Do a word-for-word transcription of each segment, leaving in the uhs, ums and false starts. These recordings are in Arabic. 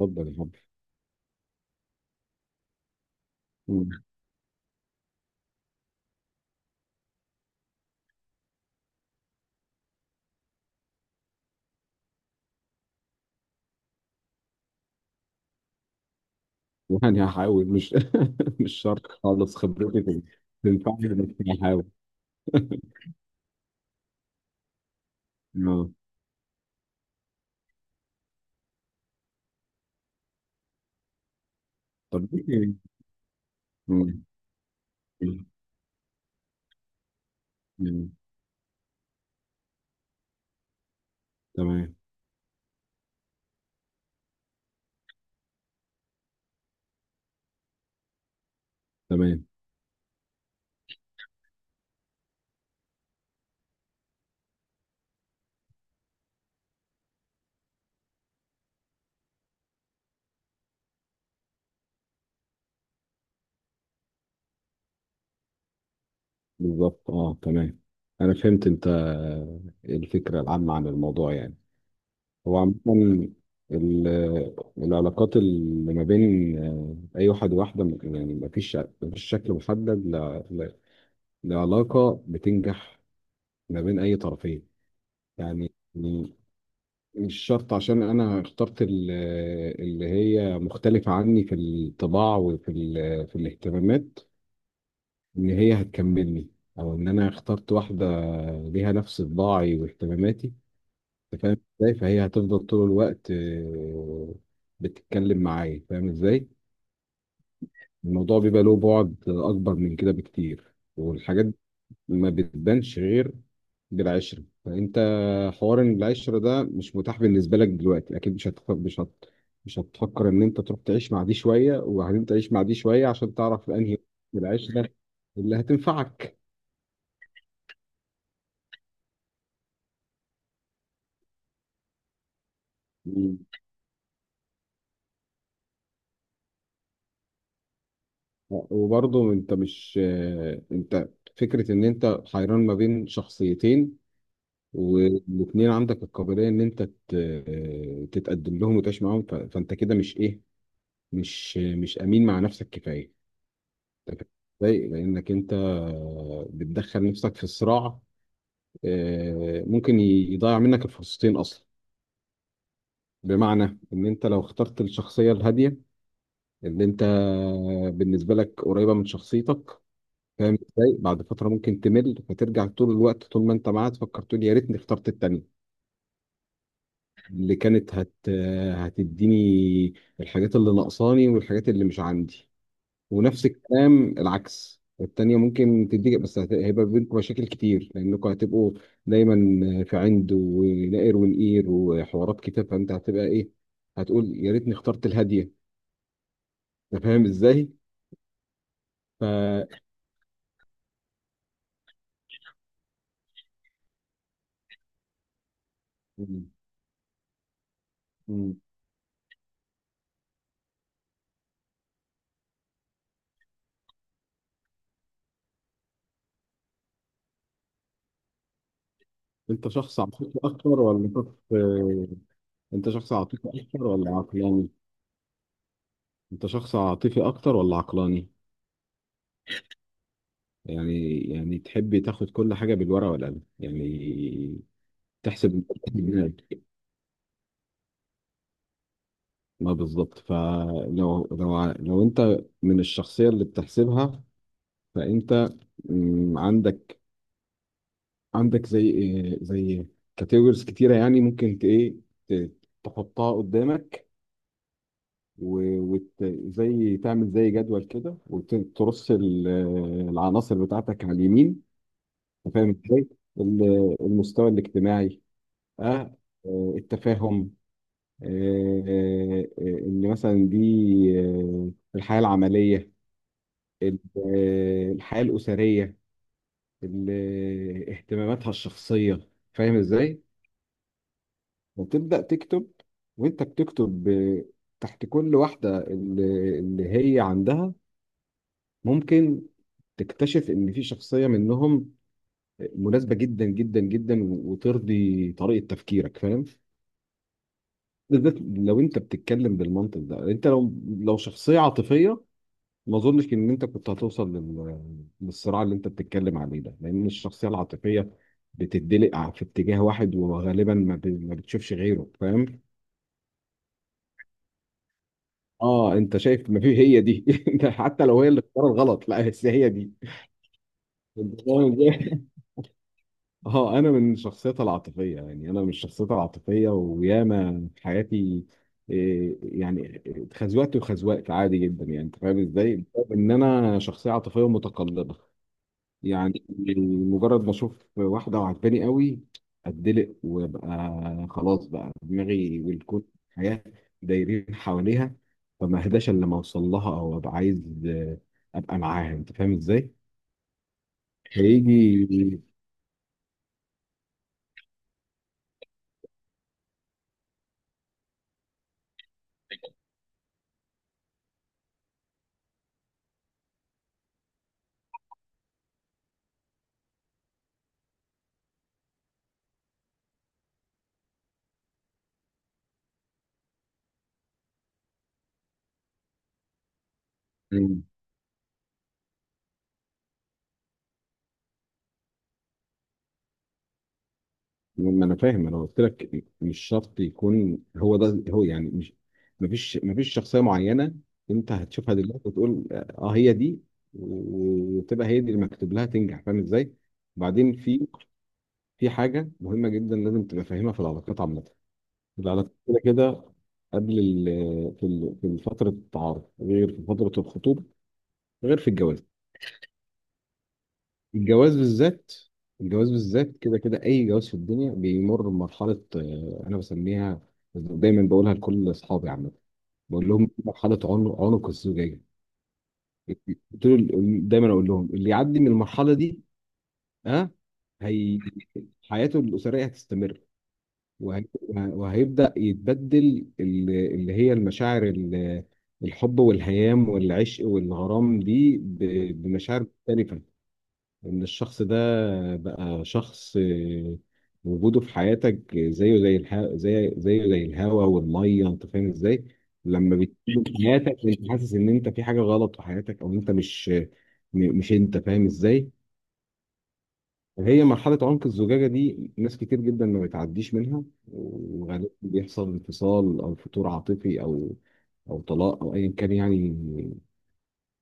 اتفضل يا حبيبي. مم. يعني هحاول، مش مش شرط خالص خبرتي تن- تنفعني، بس هحاول. اه طب إيه؟ مم. مم. تمام تمام. بالظبط اه تمام، انا فهمت انت الفكره العامه عن الموضوع يعني. هو عامه ال- العلاقات اللي ما بين آه، اي واحد وواحده، يعني ما فيش ما فيش شكل محدد ل- ل- لعلاقه بتنجح ما بين اي طرفين. يعني يعني مش شرط عشان انا اخترت ال- اللي هي مختلفة عني في الطباع وفي ال- في الاهتمامات ان هي هتكملني، او ان انا اخترت واحدة ليها نفس طباعي واهتماماتي. انت فاهم ازاي؟ فهي هتفضل طول الوقت آه، بتتكلم معايا، فاهم ازاي؟ الموضوع بيبقى له بعد اكبر من كده بكتير، والحاجات ما بتبانش غير بالعشرة. فأنت حوار إن العشرة ده مش متاح بالنسبة لك دلوقتي، أكيد مش هتفكر، مش هت... مش هتفكر إن أنت تروح تعيش مع دي شوية وبعدين تعيش مع دي شوية عشان تعرف أنهي العشرة اللي هتنفعك. مم. وبرضه أنت مش آه، أنت فكرة إن أنت حيران ما بين شخصيتين، والاتنين عندك القابلية إن أنت ت... آه، تتقدم لهم وتعيش معاهم، ف... فأنت كده مش إيه، مش مش أمين مع نفسك كفاية. ضايق لانك انت بتدخل نفسك في صراع، آه، ممكن يضيع منك الفرصتين اصلا. بمعنى ان انت لو اخترت الشخصيه الهاديه اللي انت بالنسبه لك قريبه من شخصيتك، فاهم ازاي؟ بعد فتره ممكن تمل، فترجع طول الوقت طول ما انت معاها تفكر، تقول يا ريتني اخترت التانيه اللي كانت هت هتديني الحاجات اللي ناقصاني والحاجات اللي مش عندي. ونفس الكلام العكس، التانية ممكن تديك بس هت- هيبقى بينكم مشاكل كتير لأنكم هتبقوا دايما في عند ونقر ونقير وحوارات كتير، فأنت هتبقى إيه، هتقول يا ريتني اخترت الهادية. أنت فاهم إزاي؟ ف مم. مم. أنت شخص عاطفي أكتر ولا شخص آه، أنت شخص عاطفي أكتر ولا عقلاني؟ أنت شخص عاطفي أكتر ولا عقلاني؟ يعني يعني تحب تاخد كل حاجة بالورقة والقلم يعني. تحسب ما بالظبط، فلو لو ع- لو انت من الشخصيه اللي بتحسبها، فانت مم، عندك، عندك زي إيه- زي كاتيجوريز كتيره يعني، ممكن ت- ايه ت- تحطها قدامك، وزي تعمل زي جدول كده وترص ال- العناصر بتاعتك على اليمين. أنت فاهم ازاي؟ ال- المستوى الاجتماعي، آه، آه، التفاهم، آه، آه، آه، ان مثلا دي آه، الحياه العمليه، ال- آه، الحياة الأسرية، ال- اهتماماتها الشخصية، فاهم ازاي؟ وتبدأ تكتب، وانت بتكتب آه، تحت كل واحدة اللي اللي هي عندها. ممكن تكتشف ان في شخصية منهم مناسبة جدا جدا جدا وترضي طريقة تفكيرك، فاهم؟ بالذات لو انت بتتكلم بالمنطق ده. انت لو لو شخصية عاطفية، ما اظنش ان انت كنت هتوصل لل... للصراع اللي انت بتتكلم عليه ده، لان الشخصيه العاطفيه بتدلق ع- في اتجاه واحد وغالبا ما, ب... ما بتشوفش غيره، فاهم؟ اه انت شايف؟ ما في، هي دي. ده حتى لو هي اللي اختارت غلط، لا بس هي دي. أنت فاهم إزاي؟ اه انا من الشخصيات العاطفيه، يعني انا من الشخصيات العاطفيه وياما في حياتي إيه، يعني اتخزوقت وخزوقت عادي جدا، يعني انت فاهم ازاي؟ بسبب ان انا شخصيه عاطفيه متقلبه. يعني مجرد ما اشوف واحده وعجباني قوي، اتدلق وابقى خلاص، بقى دماغي والكون الحياه دايرين حواليها، فما اهداش الا لما اوصل لها او ابقى عايز ابقى معاها، انت فاهم ازاي؟ هيجي. مم. ما انا فاهم، انا قلت لك مش شرط يكون هو ده هو، يعني مش مفيش مفيش شخصيه معينه انت هتشوفها دلوقتي وتقول اه هي دي، وتبقى هي دي اللي مكتوب لها تنجح. فاهم ازاي؟ بعدين في في حاجة مهمة جدا لازم تبقى فاهمها في العلاقات عامة. العلاقات كده كده، قبل ال- في ال- في فترة التعارف غير في فترة الخطوبة غير في الجواز. الجواز بالذات، الجواز بالذات كده كده، أي جواز في الدنيا بيمر بمرحلة آه، أنا بسميها دايما، بقولها لكل أصحابي عامة، بقول لهم مرحلة عنق عنق الزجاجة. قلت له دايما أقول لهم اللي يعدي من المرحلة دي، ها، هي حياته الأسرية هتستمر. وهي- وهيبدأ يتبدل ال- اللي هي المشاعر ال- الحب والهيام والعشق والغرام دي ب- بمشاعر مختلفة. إن الشخص ده بقى شخص آه، وجوده في حياتك زيه زي الها... زي زيه زي الهواء والمية. أنت فاهم إزاي؟ لما بتيجي في حياتك أنت حاسس إن أنت في حاجة غلط في حياتك، أو أنت مش م- مش، أنت فاهم إزاي؟ هي مرحلة عنق الزجاجة دي ناس كتير جدا ما بتعديش منها، وغالبا بيحصل انفصال أو فتور عاطفي أو أو طلاق أو أيا كان، يعني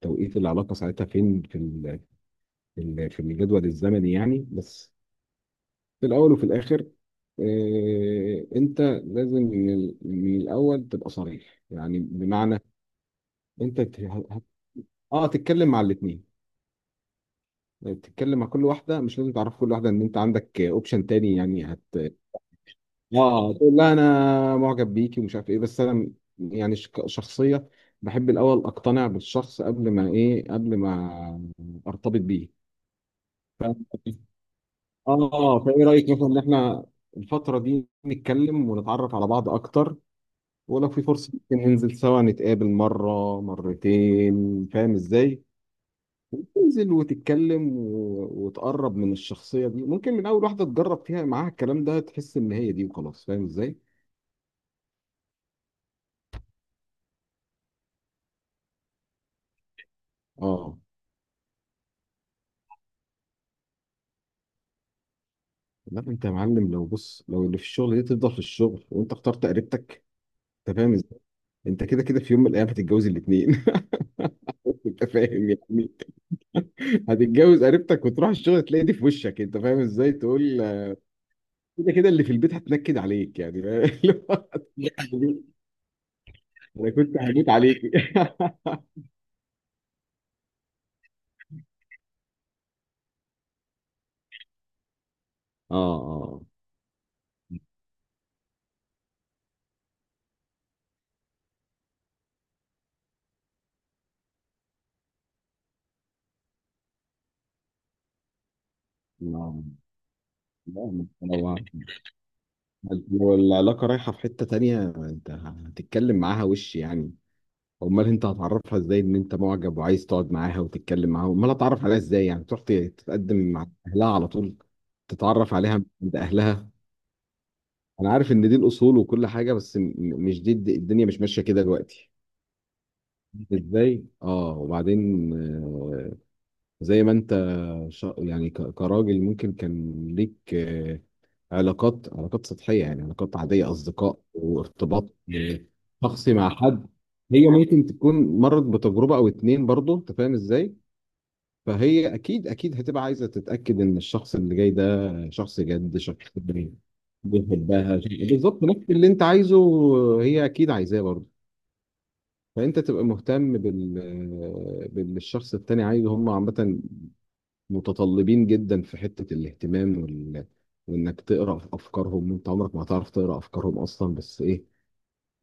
توقيت العلاقة ساعتها فين في ال- في ال- في الجدول الزمني، يعني بس في الأول وفي الآخر آه، أنت لازم من ال- من الأول تبقى صريح. يعني بمعنى أنت ت- ه- ه- آه تتكلم مع الاتنين. يعني تتكلم مع كل واحدة، مش لازم تعرف كل واحدة إن أنت عندك أوبشن تاني يعني. اه تقول لها انا معجب بيكي ومش عارف ايه، بس انا م- يعني ش- شخصيه بحب الاول اقتنع بالشخص قبل ما ايه، قبل ما ارتبط بيه. ف... اه فايه رايك مثلا ان احنا الفتره دي نتكلم ونتعرف على بعض اكتر، ولو في فرصه ممكن ننزل سوا نتقابل مره مرتين، فاهم ازاي؟ تنزل وتتكلم و... وتقرب من الشخصيه دي. ممكن من اول واحده تجرب فيها معاها الكلام ده تحس ان هي دي وخلاص، فاهم ازاي؟ اه لا انت يا معلم، لو بص، لو اللي في الشغل دي تفضل في الشغل وانت اخترت قريبتك، انت فاهم ازاي؟ انت كده كده في يوم من الايام هتتجوز الاثنين. انت فاهم يعني، هتتجوز قريبتك وتروح الشغل تلاقي دي في وشك، انت فاهم ازاي؟ تقول كده كده اللي في البيت هتنكد عليك يعني، فاهم؟ اللي هو انا كنت هموت عليك. اه اه. لا لا، لو لو العلاقة رايحة في حتة تانية انت هتتكلم معاها، وش يعني، امال انت هتعرفها ازاي ان انت معجب وعايز تقعد معاها وتتكلم معاها؟ امال هتعرف عليها ازاي؟ يعني تروح ت- تتقدم مع اهلها على طول، تتعرف عليها عند اهلها. انا عارف ان دي الاصول وكل حاجه، بس م- مش دي الد- الدنيا مش ماشيه كده دلوقتي. ازاي؟ اه وبعدين آه، زي ما انت ش- يعني ك- كراجل ممكن كان ليك آه، علاقات علاقات سطحيه، يعني علاقات عاديه اصدقاء وارتباط آه، شخصي مع حد. هي ممكن تكون مرت بتجربه او اتنين برضه، انت فاهم ازاي؟ فهي اكيد اكيد هتبقى عايزه تتاكد ان الشخص اللي جاي ده شخص جد، شخص بيحبها، بالظبط نفس اللي انت عايزه هي اكيد عايزاه برضه. فانت تبقى مهتم بال باللي الشخص التاني عايزه. هم عامه متطلبين جدا في حته الاهتمام وال... وانك تقرا في افكارهم. انت عمرك ما هتعرف تقرا افكارهم اصلا، بس ايه،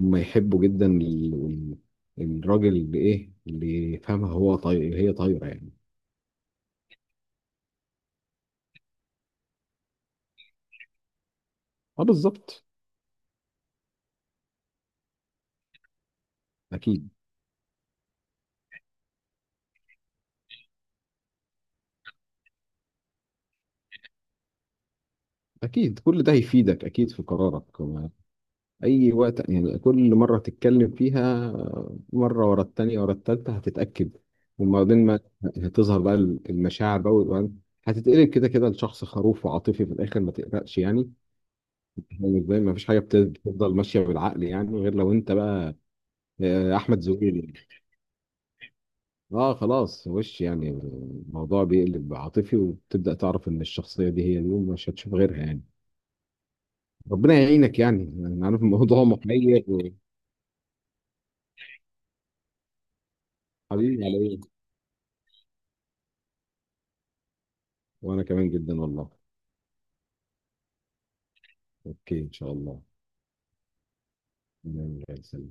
هم يحبوا جدا ال... الراجل اللي ايه، اللي يفهمها هو طاير هي طايره يعني. اه بالظبط. اكيد أكيد كل ده هيفيدك أكيد في قرارك. أي وقت يعني، كل مرة تتكلم فيها، مرة ورا التانية ورا التالتة هتتأكد. وبعدين ما هتظهر بقى المشاعر بقى، وبعدين هتتقلب كده كده لشخص خروف وعاطفي في الآخر، ما تقلقش يعني. يعني زي ما فيش حاجة بت- بتفضل ماشية بالعقل يعني، غير لو أنت بقى آه، أحمد زويل. أه خلاص وش يعني، الموضوع بيقلب عاطفي وتبدأ تعرف إن الشخصية دي هي دي ومش هتشوف غيرها يعني. ربنا يعينك، يعني انا عارف الموضوع محير. حبيبي على ايه، وانا كمان جدا والله. اوكي ان شاء الله. نعم، زي الفل.